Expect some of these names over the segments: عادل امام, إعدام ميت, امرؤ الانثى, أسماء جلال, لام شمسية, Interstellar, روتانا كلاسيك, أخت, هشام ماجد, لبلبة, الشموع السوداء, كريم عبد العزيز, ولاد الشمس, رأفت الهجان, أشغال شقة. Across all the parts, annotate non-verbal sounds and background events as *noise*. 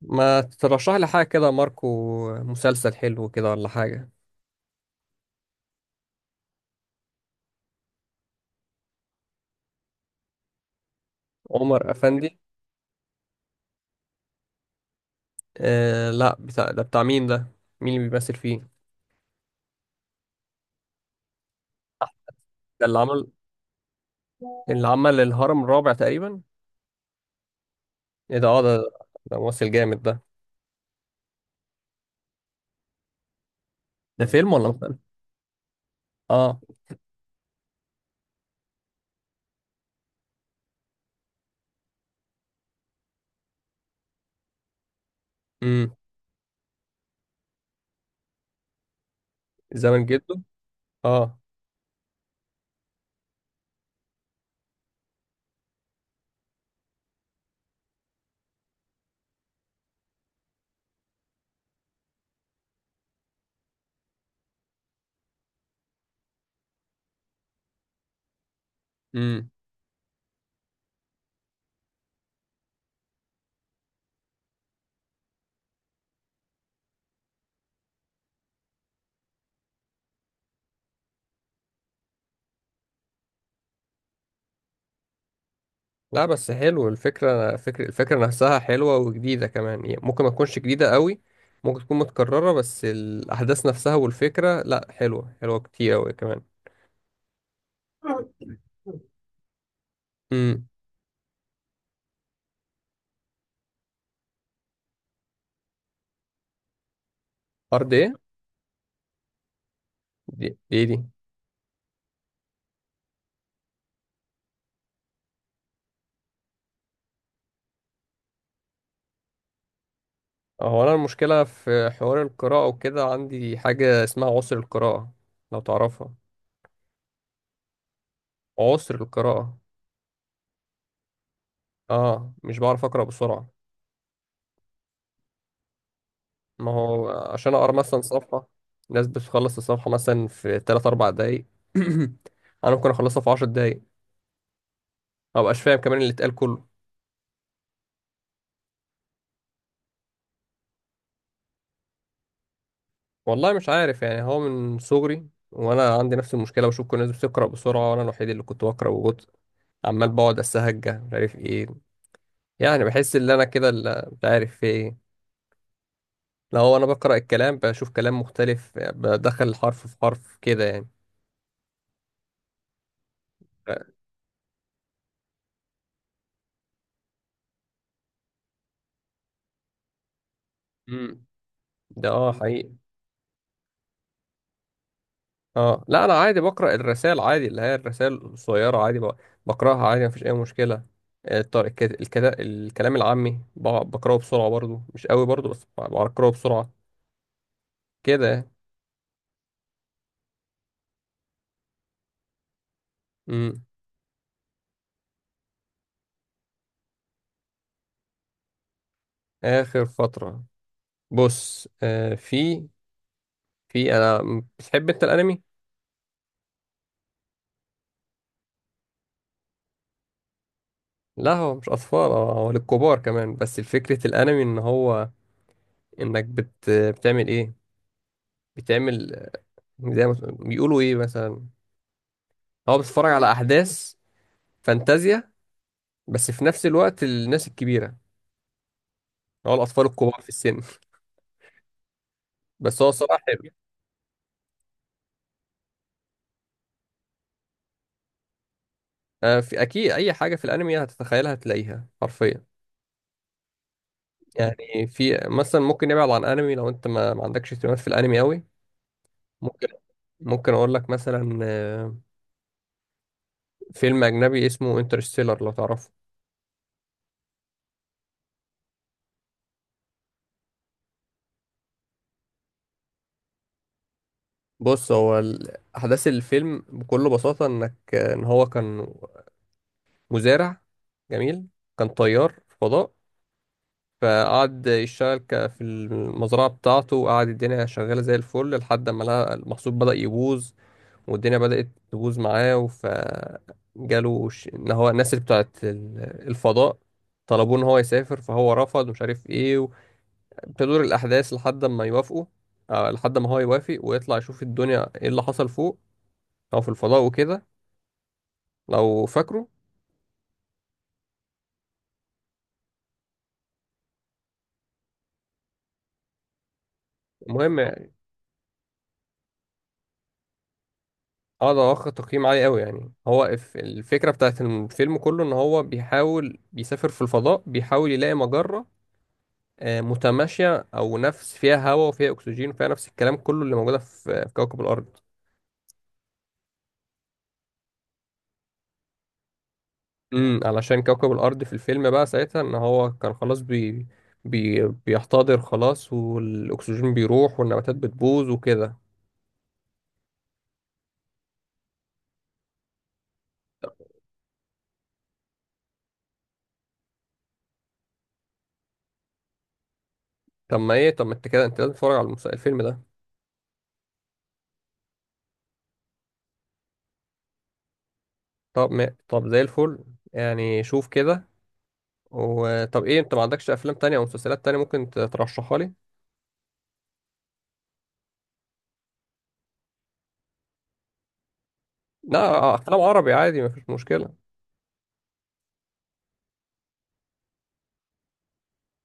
ما ترشح لي حاجة كده، ماركو؟ مسلسل حلو كده ولا حاجة؟ عمر أفندي؟ آه، لا، بتاع ده بتاع مين ده؟ مين اللي بيمثل فيه؟ ده اللي عمل، اللي عمل الهرم الرابع تقريبا؟ ايه ده، اه ده، ده ممثل جامد ده. ده فيلم ولا مسلسل؟ اه. امم زمن جده. اه. امم، لا، بس حلو فكرة الفكرة نفسها حلوة وجديدة كمان، يعني ممكن ما تكونش جديدة قوي. ممكن تكون متكررة، بس الأحداث نفسها والفكرة، لا، حلوة، حلوة كتير أوي كمان. مم. ارض ايه؟ دي. هو انا المشكله في حوار القراءه وكده، عندي حاجه اسمها عسر القراءه، لو تعرفها. عسر القراءه. اه، مش بعرف اقرا بسرعه. ما هو عشان اقرا مثلا صفحه، الناس بتخلص الصفحه مثلا في 3 4 دقايق. *clears throat* انا ممكن اخلصها في 10 دقايق. ما بقاش فاهم كمان اللي اتقال كله. والله مش عارف، يعني هو من صغري وانا عندي نفس المشكله، بشوف كل الناس بتقرا بسرعه وانا الوحيد اللي كنت بقرا ببطء. عمال بقعد اسهج، مش عارف ايه. يعني بحس ان انا كده مش عارف في ايه. لو انا بقرا الكلام بشوف كلام مختلف، بدخل حرف في حرف كده يعني. امم. ده اه، حقيقي. اه، لا، انا عادي بقرا الرسائل عادي، اللي هي الرسائل القصيره عادي، بقراها عادي، مفيش اي مشكله. الكلام العامي بقراه بسرعه برضو، مش قوي برضو، بس بقراه بسرعه كده يعني. امم اخر فتره. بص، في، في انا بتحب انت الانمي؟ لا، هو مش اطفال، هو للكبار كمان، بس الفكرة الانمي ان هو، انك بتعمل ايه، بتعمل، زي ما بيقولوا ايه مثلا، هو بتتفرج على احداث فانتازيا، بس في نفس الوقت الناس الكبيرة، هو الاطفال الكبار في السن. بس هو صراحة حلو. في اكيد اي حاجة في الانمي هتتخيلها هتلاقيها حرفيا. يعني في مثلا، ممكن نبعد عن انمي لو انت ما عندكش اهتمامات في الانمي قوي. ممكن ممكن اقول لك مثلا فيلم اجنبي اسمه انترستيلر، لو تعرفه. بص، هو احداث الفيلم بكل بساطه انك ان هو كان مزارع جميل، كان طيار في فضاء، فقعد يشتغل في المزرعه بتاعته، وقعد الدنيا شغاله زي الفل لحد ما لقى المحصول بدا يبوظ، والدنيا بدات تبوظ معاه، فجاله ان هو الناس اللي بتاعت الفضاء طلبوه ان هو يسافر، فهو رفض ومش عارف ايه، تدور الاحداث لحد ما يوافقوا، لحد ما هو يوافق ويطلع يشوف الدنيا ايه اللي حصل فوق او في الفضاء وكده، لو فاكره. المهم يعني. اه، ده واخد تقييم عالي قوي، يعني هو الفكره بتاعت الفيلم كله ان هو بيحاول بيسافر في الفضاء، بيحاول يلاقي مجره متماشيه، او نفس فيها هواء وفيها اكسجين وفيها نفس الكلام كله اللي موجوده في كوكب الارض. علشان كوكب الارض في الفيلم بقى ساعتها ان هو كان خلاص بي بي بيحتضر خلاص، والاكسجين بيروح والنباتات بتبوظ وكده. طب ما ايه، طب ما انت كده انت لازم تتفرج على الفيلم ده. طب ما... طب زي الفل. يعني شوف كده. وطب ايه، انت ما عندكش افلام تانية او مسلسلات تانية ممكن ترشحها لي؟ لا، افلام عربي عادي مفيش مشكلة.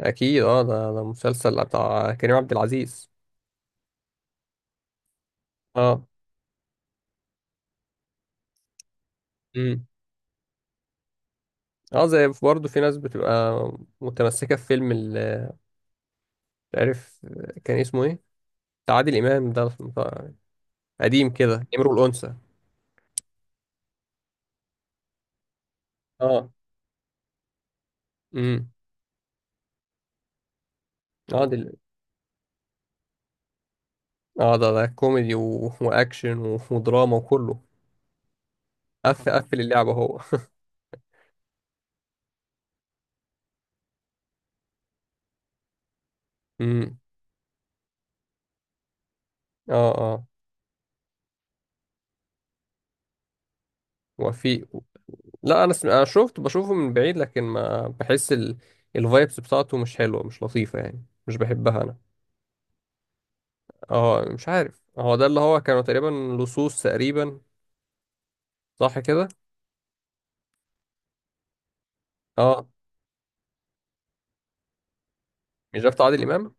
اكيد، اه، ده مسلسل بتاع كريم عبد العزيز. اه. امم. اه، زي برضه في ناس بتبقى متمسكة في فيلم مش عارف كان اسمه ايه، بتاع عادل امام ده قديم كده، امرؤ الانثى. اه. امم. اه، ده، اه، ده كوميدي واكشن ودراما وكله. قفل قفل اللعبة هو. امم. اه، اه، وفي، لا، انا شفت بشوفه من بعيد، لكن ما بحس الفايبس بتاعته مش حلوه، مش لطيفه، يعني مش بحبها انا. اه، مش عارف، هو ده اللي هو كانوا تقريبا لصوص تقريبا. صح كده؟ اه. مش ده بتاع عادل امام؟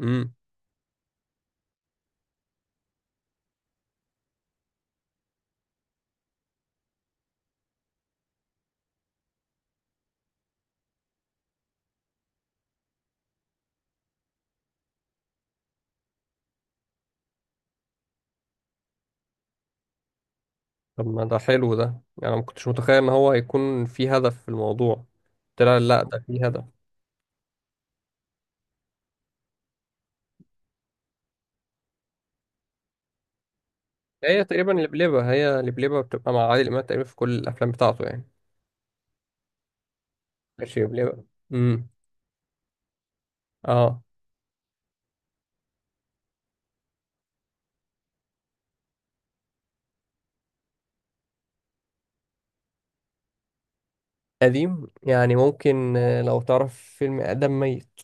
امم طب ما ده حلو ده يعني، أنا ما كنتش متخيل ان هو هيكون في هدف في الموضوع. طلع، لا، ده في هدف. هي تقريبا لبلبة، هي لبلبة بتبقى مع عادل امام تقريبا في كل الافلام بتاعته يعني. ماشي، لبلبة. امم. اه. قديم يعني، ممكن لو تعرف فيلم إعدام ميت.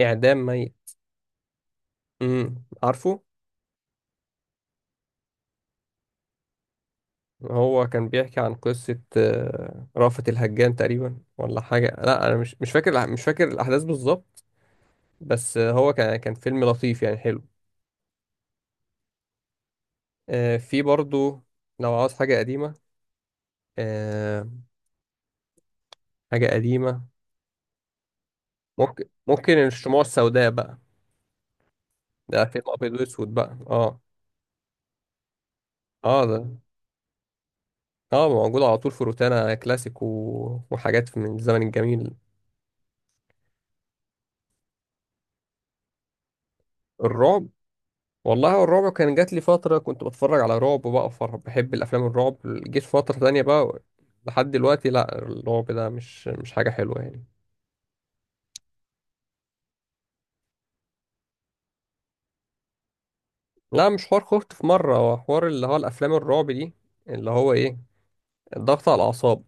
إعدام ميت. امم، عارفه. هو كان بيحكي عن قصة رأفت الهجان تقريبا ولا حاجة. لا، أنا مش فاكر الأحداث بالظبط. بس هو كان فيلم لطيف يعني، حلو. في برضو، لو عاوز حاجة قديمة، آه، حاجة قديمة، ممكن الشموع السوداء بقى. ده فيلم أبيض وأسود بقى، اه. اه، ده، اه، موجود على طول في روتانا كلاسيك وحاجات من الزمن الجميل. الرعب؟ والله، هو الرعب كان جات لي فترة كنت بتفرج على رعب بقى، بحب الأفلام الرعب، جيت فترة تانية بقى. لحد دلوقتي، لا، الرعب ده مش حاجة حلوة يعني. لا، مش حوار خفت في مرة، هو حوار اللي هو الأفلام الرعب دي، اللي هو إيه، الضغط على الأعصاب.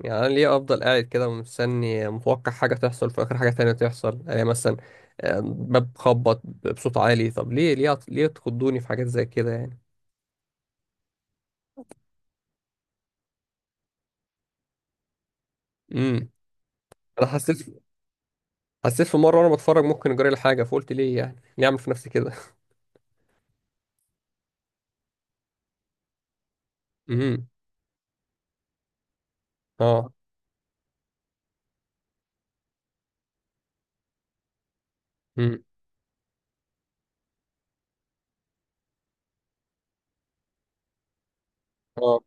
يعني أنا ليه أفضل قاعد كده ومستني متوقع حاجة تحصل، في آخر حاجة تانية تحصل، يعني مثلا باب خبط بصوت عالي، طب ليه، ليه تخضوني في حاجات زي كده يعني. امم. أنا حسيت، في مره وانا بتفرج ممكن اجري لي حاجه، فقلت ليه، يعني ليه اعمل في نفسي كده. *laughs* امم. اه. امم. اه.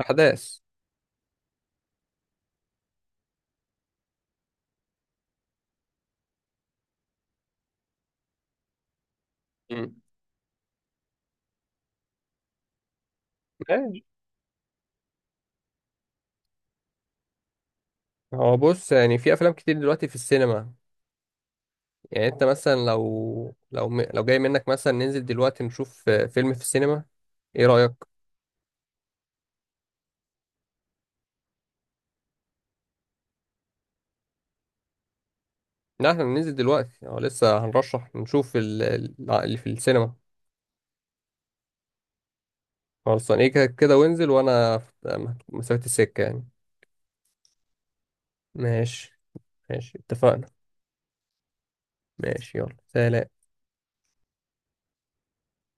احداث. امم. ماشي. هو بص، يعني في افلام كتير دلوقتي في السينما، يعني انت مثلا لو لو جاي منك مثلا ننزل دلوقتي نشوف فيلم في السينما، ايه رايك؟ لا، احنا ننزل دلوقتي، اه، لسه هنرشح نشوف اللي في السينما. خلصان، ايه كده كده، وانزل وانا في مسافه السكه يعني. ماشي. ماشي، اتفقنا. ماشي، يلا، سلام.